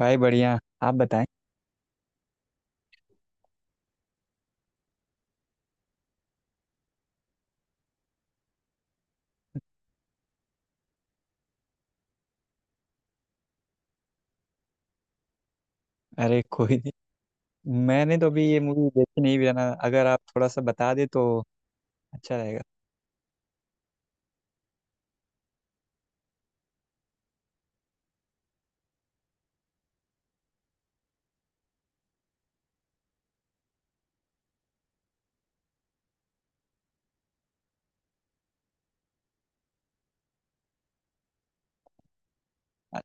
भाई बढ़िया। आप बताएं। अरे कोई नहीं। मैंने तो अभी ये मूवी देखी नहीं भी है ना, अगर आप थोड़ा सा बता दे तो अच्छा रहेगा। अ-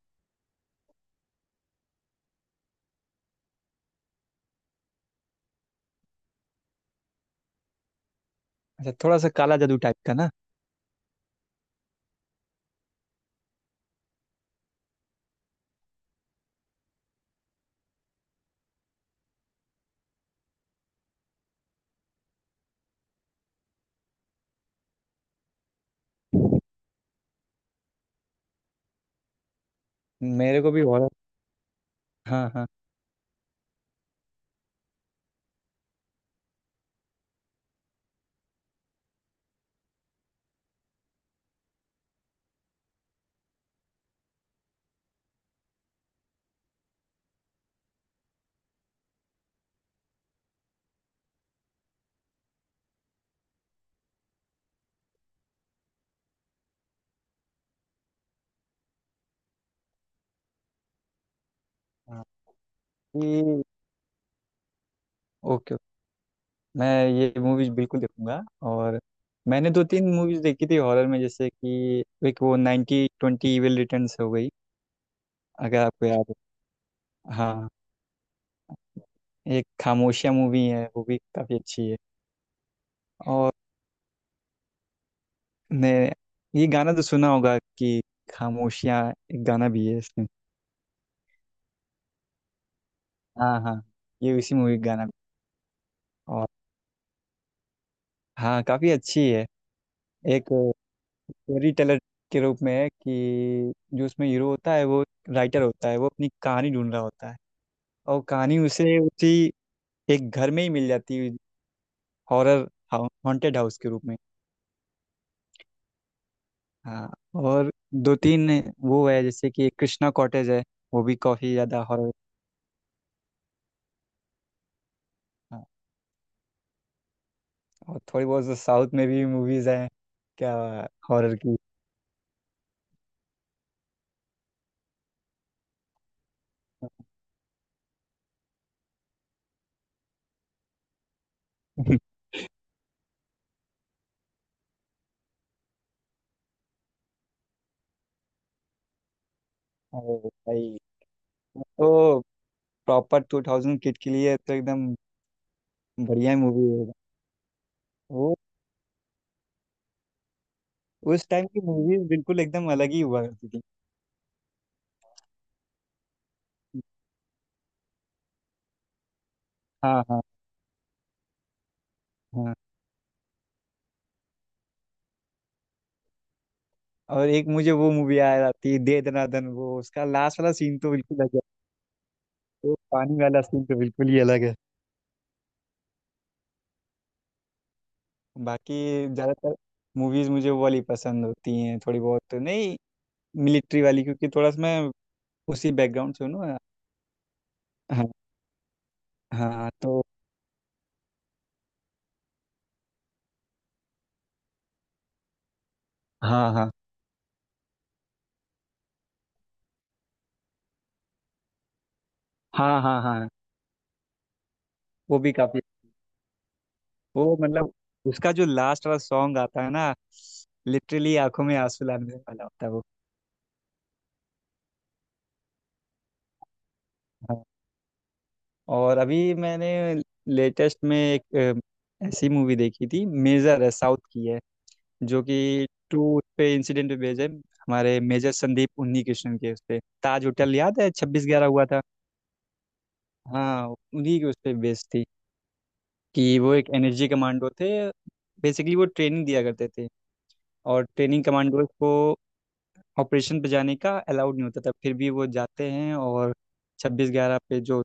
अच्छा, थोड़ा सा काला जादू टाइप का ना। मेरे को भी हॉरर। हाँ हाँ हाँ। ये ओके ओके, मैं ये मूवीज बिल्कुल देखूंगा। और मैंने दो तीन मूवीज देखी थी हॉरर में, जैसे कि एक वो 1920 इविल रिटर्न्स हो गई, अगर आपको याद हो। हाँ। एक खामोशिया मूवी है, वो भी काफ़ी अच्छी है। और ने ये गाना तो सुना होगा कि खामोशियाँ, एक गाना भी है इसमें। हाँ हाँ, ये उसी मूवी का गाना। और हाँ, काफ़ी अच्छी है। एक स्टोरी टेलर के रूप में है कि जो उसमें हीरो होता है वो राइटर होता है, वो अपनी कहानी ढूंढ रहा होता है। और कहानी उसे उसी एक घर में ही मिल जाती है, हॉरर हॉन्टेड हाउस के रूप में। हाँ। और दो तीन वो है जैसे कि एक कृष्णा कॉटेज है, वो भी काफ़ी ज़्यादा हॉरर। और थोड़ी बहुत तो साउथ में भी मूवीज हैं, क्या, हॉरर की। अरे भाई, वो तो प्रॉपर 2000 किड के लिए तो एकदम बढ़िया मूवी है। वो उस टाइम की मूवीज बिल्कुल एकदम अलग ही हुआ करती थी। हाँ हाँ हाँ। और एक मुझे वो मूवी आ जाती है, दे दनादन, वो उसका लास्ट वाला सीन तो बिल्कुल अलग है। वो पानी वाला सीन तो बिल्कुल ही अलग है। बाकी ज़्यादातर मूवीज मुझे वो वाली पसंद होती हैं, थोड़ी बहुत नहीं, मिलिट्री वाली, क्योंकि थोड़ा सा मैं उसी बैकग्राउंड से हूँ ना। हाँ हाँ, तो हाँ हाँ हाँ हाँ हाँ। वो भी काफी। वो मतलब उसका जो लास्ट वाला सॉन्ग आता है ना, लिटरली आंखों में आंसू लाने वाला होता है वो। हाँ। और अभी मैंने लेटेस्ट में एक ऐसी मूवी देखी थी, मेजर है, साउथ की है। जो कि टू पे इंसिडेंट पे बेस्ड है, हमारे मेजर संदीप उन्हीं कृष्णन के उस पे, ताज होटल याद है 26/11 हुआ था। हाँ, उन्हीं के उस पे बेस्ड थी। कि वो एक एनर्जी कमांडो थे, बेसिकली वो ट्रेनिंग दिया करते थे, और ट्रेनिंग कमांडोज को ऑपरेशन पे जाने का अलाउड नहीं होता था, फिर भी वो जाते हैं और 26/11 पे जो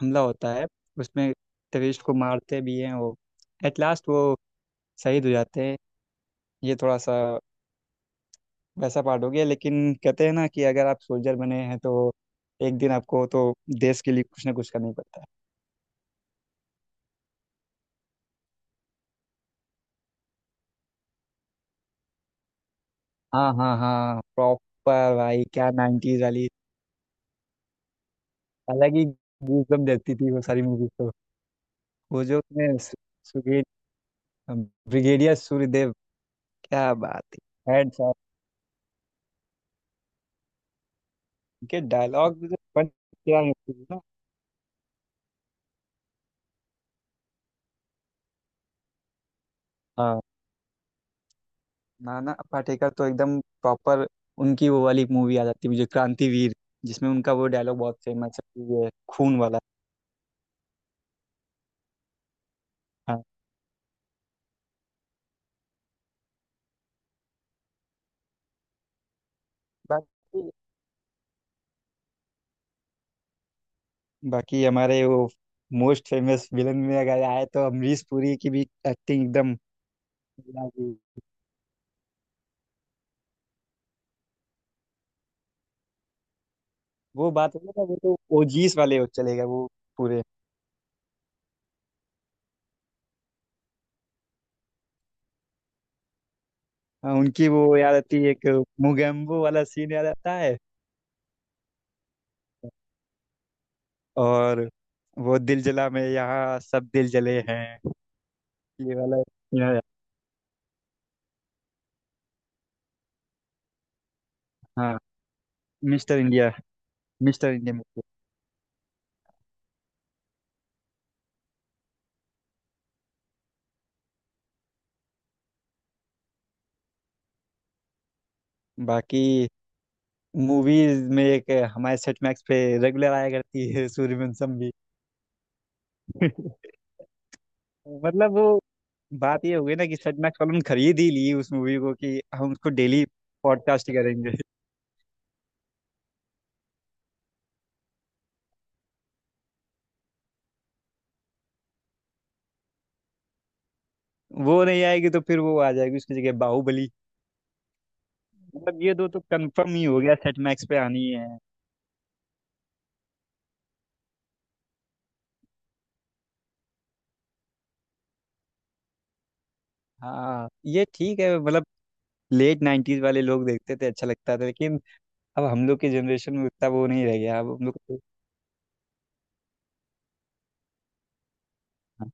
हमला होता है उसमें टेररिस्ट को मारते भी हैं। वो एट लास्ट वो शहीद हो जाते हैं। ये थोड़ा सा वैसा पार्ट हो गया, लेकिन कहते हैं ना कि अगर आप सोल्जर बने हैं तो एक दिन आपको तो देश के लिए कुछ ना कुछ करना ही पड़ता है। हाँ हाँ हाँ, प्रॉपर भाई, क्या 90s वाली, अलग ही गूजबम्प देती थी वो सारी मूवीज तो। वो जो उसमें सुगे, ब्रिगेडियर सूर्यदेव, क्या बात है, हेड्स अप के डायलॉग भी तो बन क्या है ना। हाँ। नाना पाटेकर तो एकदम प्रॉपर, उनकी वो वाली मूवी आ जाती है मुझे, क्रांतिवीर, जिसमें उनका वो डायलॉग बहुत फेमस है, ये खून वाला। हाँ। बाकी बाकी हमारे वो मोस्ट फेमस विलन में अगर आए तो अमरीश पुरी की भी एक्टिंग एकदम। वो बात है ना, वो तो ओजीस वाले हो, चलेगा वो पूरे। हाँ, उनकी वो याद आती है, एक मुगेम्बो वाला सीन याद आता है। और वो दिल जला में, यहाँ सब दिल जले हैं, ये वाला। या, हाँ। Mister India, Mister India movie. बाकी मूवीज में एक हमारे सेट मैक्स पे रेगुलर आया करती है सूर्यवंशम भी। मतलब वो बात ये हो गई ना कि सेट मैक्स वालों ने खरीद ही ली उस मूवी को कि हम उसको डेली पॉडकास्ट करेंगे। वो नहीं आएगी तो फिर वो आ जाएगी उसकी जगह बाहुबली। मतलब ये दो तो कंफर्म ही हो गया सेट मैक्स पे आनी है। हाँ ये ठीक है, मतलब लेट 90s वाले लोग देखते थे, अच्छा लगता था, लेकिन अब हम लोग की जनरेशन में उतना वो नहीं रह गया, अब हम लोग को। तो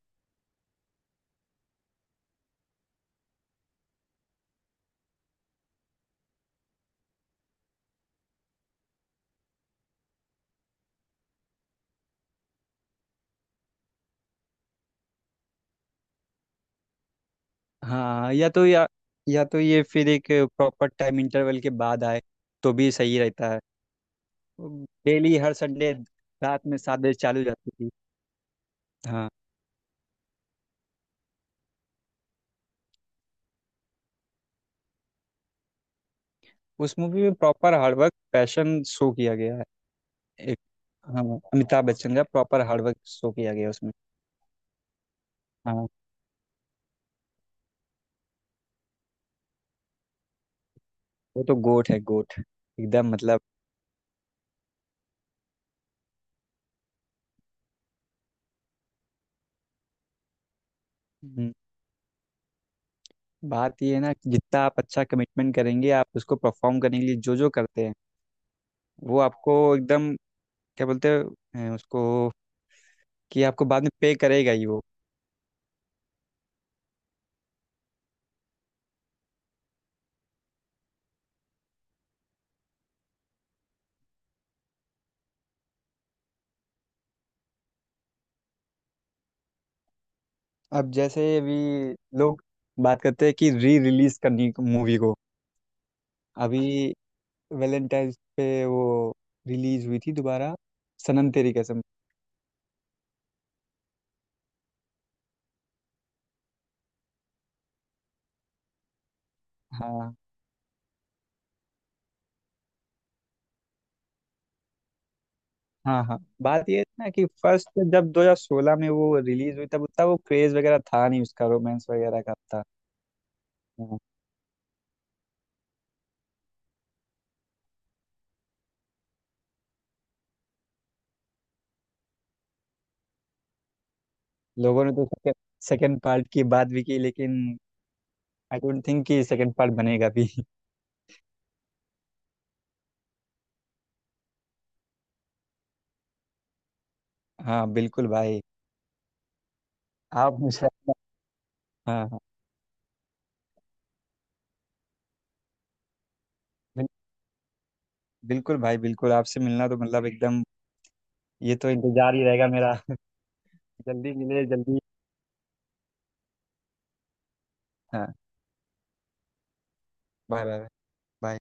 हाँ, या तो या तो ये, फिर एक प्रॉपर टाइम इंटरवल के बाद आए तो भी सही रहता है। डेली हर संडे रात में 7 बजे चालू जाती थी। हाँ। उस मूवी में प्रॉपर हार्डवर्क, पैशन शो किया गया है। एक, हाँ, अमिताभ बच्चन का प्रॉपर हार्डवर्क शो किया गया है उसमें। हाँ वो तो गोट है, गोट। एकदम, मतलब, बात ये है ना कि जितना आप अच्छा कमिटमेंट करेंगे, आप उसको परफॉर्म करने के लिए जो जो करते हैं, वो आपको एकदम, क्या बोलते हैं उसको, कि आपको बाद में पे करेगा ही वो। अब जैसे अभी लोग बात करते हैं कि री रिलीज करनी मूवी को, अभी वैलेंटाइन पे वो रिलीज हुई थी दोबारा, सनम तेरी कसम। हाँ हाँ हाँ, बात ये है ना कि फर्स्ट जब 2016 में वो रिलीज हुई तब उतना वो क्रेज वगैरह था नहीं उसका, रोमांस वगैरह का था। लोगों ने तो सेकंड सेकंड पार्ट की बात भी की, लेकिन आई डोंट थिंक कि सेकंड पार्ट बनेगा भी। हाँ बिल्कुल भाई। आप मुझे, हाँ हाँ, बिल- बिल्कुल भाई, बिल्कुल आपसे मिलना तो मतलब एकदम, ये तो इंतजार ही रहेगा मेरा। जल्दी मिले जल्दी। हाँ। Bye bye, bye.